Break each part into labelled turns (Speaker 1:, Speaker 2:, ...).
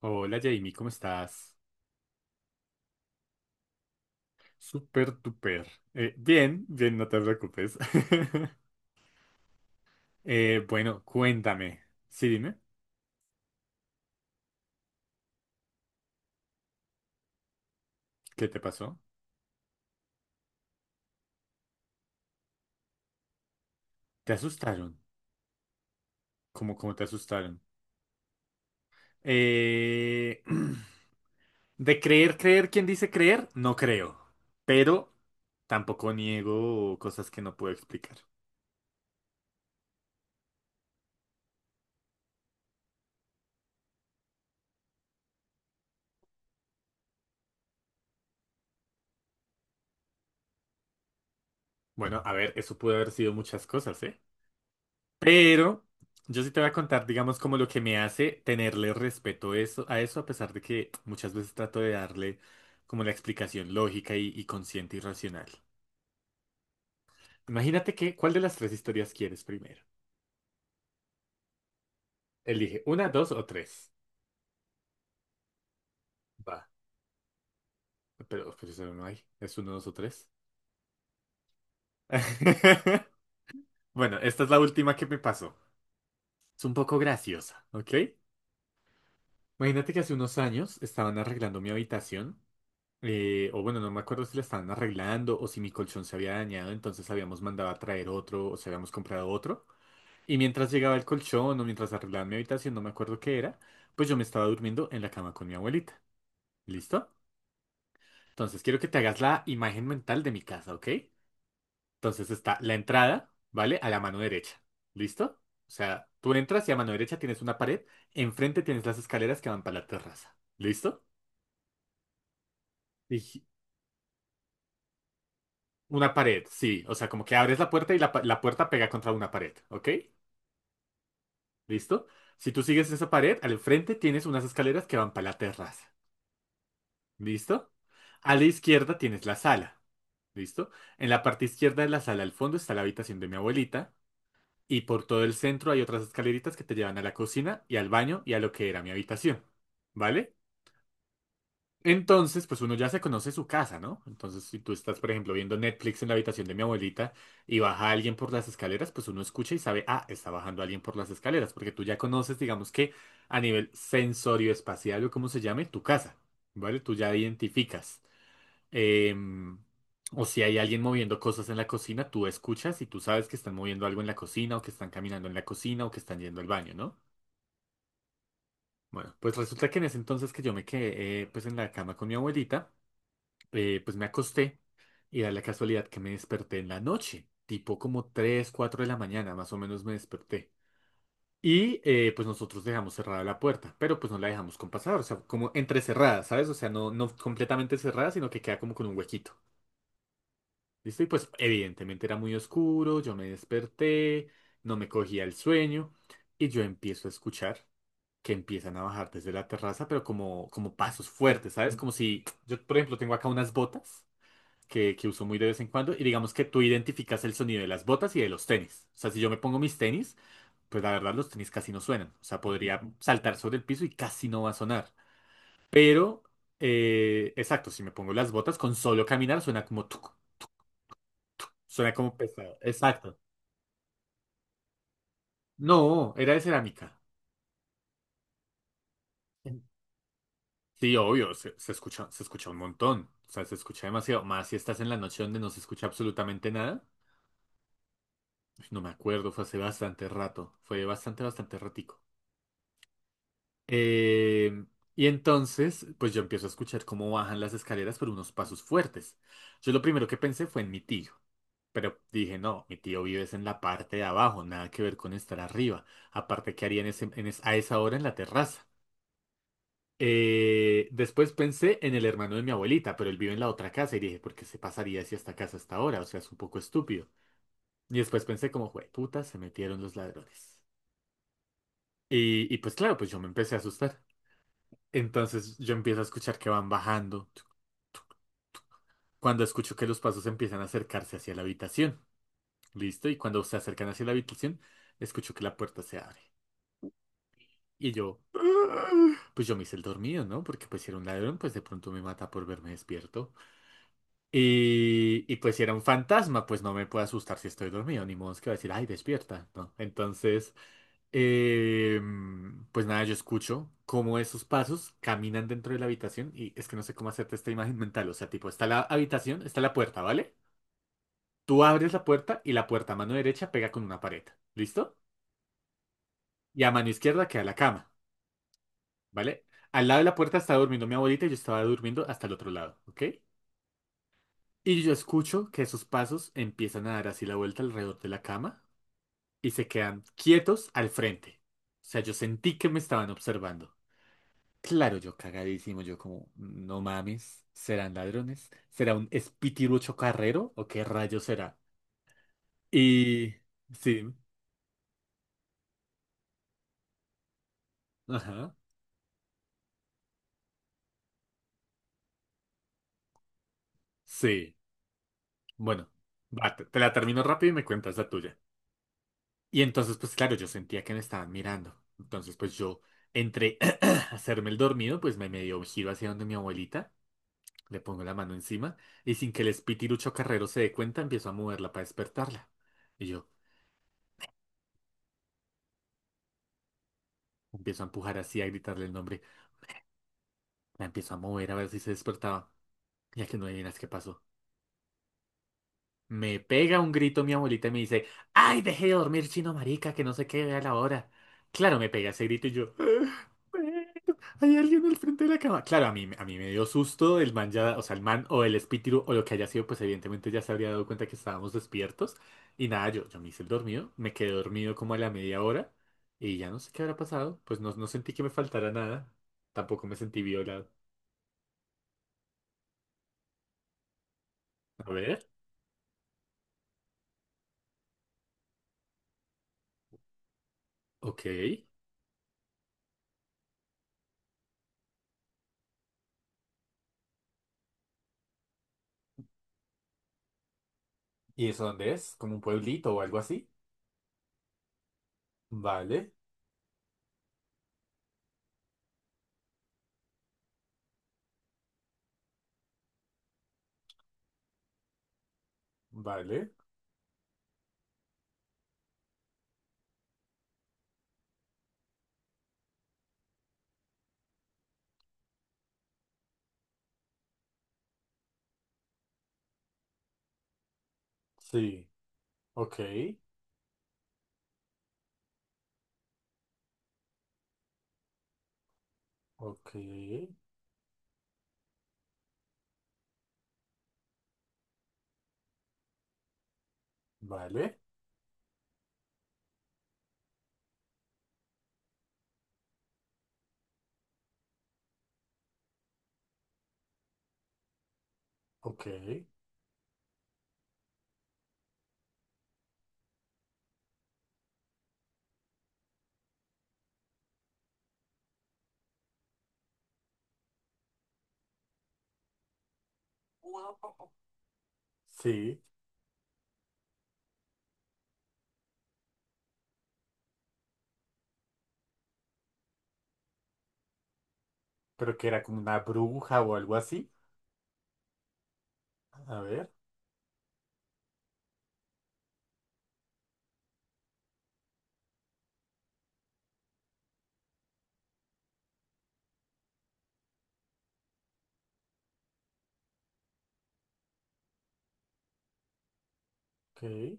Speaker 1: Hola Jamie, ¿cómo estás? Súper, duper. Bien, bien, no te preocupes. Bueno, cuéntame. Sí, dime, ¿qué te pasó? ¿Te asustaron? ¿Cómo te asustaron? Eh, de creer, creer, ¿quién dice creer? No creo. Pero tampoco niego cosas que no puedo explicar. Bueno, a ver, eso puede haber sido muchas cosas, ¿eh? Pero yo sí te voy a contar, digamos, como lo que me hace tenerle respeto eso, a eso, a pesar de que muchas veces trato de darle como la explicación lógica y consciente y racional. Imagínate que, ¿cuál de las tres historias quieres primero? Elige una, dos o tres. Va. Pero eso no hay. ¿Es uno, dos o tres? Bueno, esta es la última que me pasó. Es un poco graciosa, ¿ok? Imagínate que hace unos años estaban arreglando mi habitación. O bueno, no me acuerdo si la estaban arreglando o si mi colchón se había dañado, entonces habíamos mandado a traer otro o si habíamos comprado otro. Y mientras llegaba el colchón o mientras arreglaban mi habitación, no me acuerdo qué era, pues yo me estaba durmiendo en la cama con mi abuelita. ¿Listo? Entonces quiero que te hagas la imagen mental de mi casa, ¿ok? Entonces está la entrada, ¿vale? A la mano derecha. ¿Listo? O sea, tú entras y a mano derecha tienes una pared, enfrente tienes las escaleras que van para la terraza. ¿Listo? Y, una pared, sí. O sea, como que abres la puerta y la puerta pega contra una pared, ¿ok? ¿Listo? Si tú sigues esa pared, al frente tienes unas escaleras que van para la terraza, ¿listo? A la izquierda tienes la sala, ¿listo? En la parte izquierda de la sala, al fondo, está la habitación de mi abuelita y por todo el centro hay otras escaleritas que te llevan a la cocina y al baño y a lo que era mi habitación, ¿vale? Entonces, pues uno ya se conoce su casa, ¿no? Entonces, si tú estás, por ejemplo, viendo Netflix en la habitación de mi abuelita y baja alguien por las escaleras, pues uno escucha y sabe, ah, está bajando alguien por las escaleras, porque tú ya conoces, digamos que a nivel sensorio espacial o como se llame, tu casa, ¿vale? Tú ya identificas. em, o si hay alguien moviendo cosas en la cocina, tú escuchas y tú sabes que están moviendo algo en la cocina o que están caminando en la cocina o que están yendo al baño, ¿no? Bueno, pues resulta que en ese entonces que yo me quedé, pues en la cama con mi abuelita, pues me acosté y da la casualidad que me desperté en la noche, tipo como 3 4 de la mañana, más o menos me desperté. Y pues nosotros dejamos cerrada la puerta, pero pues no la dejamos con pasar, o sea, como entrecerrada, ¿sabes? O sea, no completamente cerrada, sino que queda como con un huequito. ¿Listo? Y pues evidentemente era muy oscuro, yo me desperté, no me cogía el sueño y yo empiezo a escuchar que empiezan a bajar desde la terraza, pero como pasos fuertes, ¿sabes? Como si yo, por ejemplo, tengo acá unas botas que uso muy de vez en cuando. Y digamos que tú identificas el sonido de las botas y de los tenis. O sea, si yo me pongo mis tenis, pues la verdad los tenis casi no suenan. O sea, podría saltar sobre el piso y casi no va a sonar. Pero, exacto, si me pongo las botas, con solo caminar suena como tuc, suena como pesado. Exacto. No, era de cerámica. Sí, obvio, se escucha, se escucha un montón. O sea, se escucha demasiado. Más si estás en la noche donde no se escucha absolutamente nada. Uy, no me acuerdo, fue hace bastante rato. Fue bastante, bastante ratico. Eh, y entonces, pues yo empiezo a escuchar cómo bajan las escaleras por unos pasos fuertes. Yo lo primero que pensé fue en mi tío, pero dije, no, mi tío vive es en la parte de abajo, nada que ver con estar arriba. Aparte, ¿qué haría en ese- en es- a esa hora en la terraza? Después pensé en el hermano de mi abuelita, pero él vive en la otra casa y dije, ¿por qué se pasaría hacia esta casa hasta ahora? O sea, es un poco estúpido. Y después pensé como, puta, se metieron los ladrones. Y pues claro, pues yo me empecé a asustar. Entonces yo empiezo a escuchar que van bajando. Cuando escucho que los pasos empiezan a acercarse hacia la habitación. ¿Listo? Y cuando se acercan hacia la habitación, escucho que la puerta se abre. Y yo... "Ah". Pues yo me hice el dormido, ¿no? Porque pues si era un ladrón, pues de pronto me mata por verme despierto. Y pues si era un fantasma, pues no me puede asustar si estoy dormido, ni modo es que va a decir, ay, despierta, ¿no? Entonces Eh, pues nada, yo escucho cómo esos pasos caminan dentro de la habitación y es que no sé cómo hacerte esta imagen mental. O sea, tipo, está la habitación, está la puerta, ¿vale? Tú abres la puerta y la puerta a mano derecha pega con una pared. ¿Listo? Y a mano izquierda queda la cama, ¿vale? Al lado de la puerta estaba durmiendo mi abuelita y yo estaba durmiendo hasta el otro lado, ¿ok? Y yo escucho que esos pasos empiezan a dar así la vuelta alrededor de la cama y se quedan quietos al frente. O sea, yo sentí que me estaban observando. Claro, yo cagadísimo, yo como, no mames, ¿serán ladrones? ¿Será un espitirucho carrero o qué rayo será? Y sí, ajá, sí. Bueno, va, te la termino rápido y me cuentas la tuya. Y entonces, pues claro, yo sentía que me estaban mirando. Entonces, pues yo entré a hacerme el dormido, pues me medio giro hacia donde mi abuelita, le pongo la mano encima y sin que el espitirucho carrero se dé cuenta, empiezo a moverla para despertarla. Y yo empiezo a empujar así, a gritarle el nombre. La empiezo a mover a ver si se despertaba. Ya que no adivinas qué pasó. Me pega un grito mi abuelita y me dice, ¡Ay, dejé de dormir, chino marica, que no sé qué a la hora! Claro, me pega ese grito y yo, "Ah, bueno, hay alguien al frente de la cama. Claro, a mí me dio susto, el man ya, o sea, el man o el espíritu o lo que haya sido, pues evidentemente ya se habría dado cuenta que estábamos despiertos. Y nada, yo me hice el dormido, me quedé dormido como a la media hora y ya no sé qué habrá pasado. Pues no, no sentí que me faltara nada. Tampoco me sentí violado. A ver, ok. ¿Y eso dónde es? ¿Como un pueblito o algo así? Vale, vale. Sí. Ok, ok. Vale, ok. Sí. Pero que era como una bruja o algo así. A ver, ok.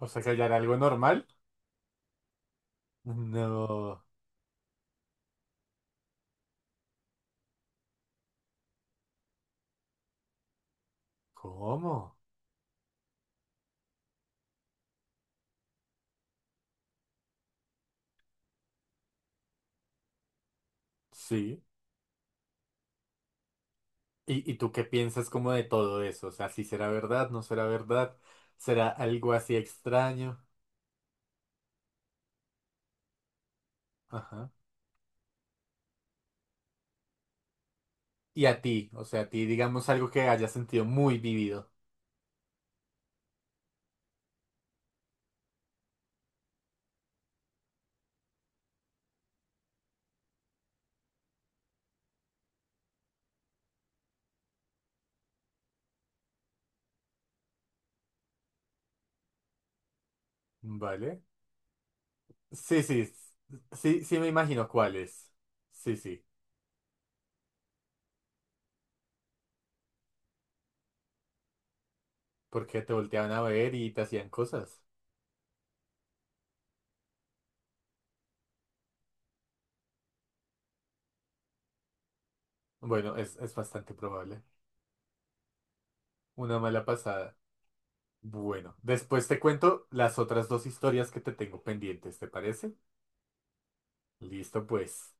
Speaker 1: O sea que allá era algo normal. No. ¿Cómo? Sí. Y tú qué piensas como de todo eso? O sea, si será verdad, no será verdad. ¿Será algo así extraño? Ajá. ¿Y a ti? O sea, a ti digamos algo que hayas sentido muy vivido. Vale. Sí, sí, sí, sí me imagino cuáles. Sí, sí. Porque te volteaban a ver y te hacían cosas. Bueno, es bastante probable. Una mala pasada. Bueno, después te cuento las otras dos historias que te tengo pendientes, ¿te parece? Listo, pues.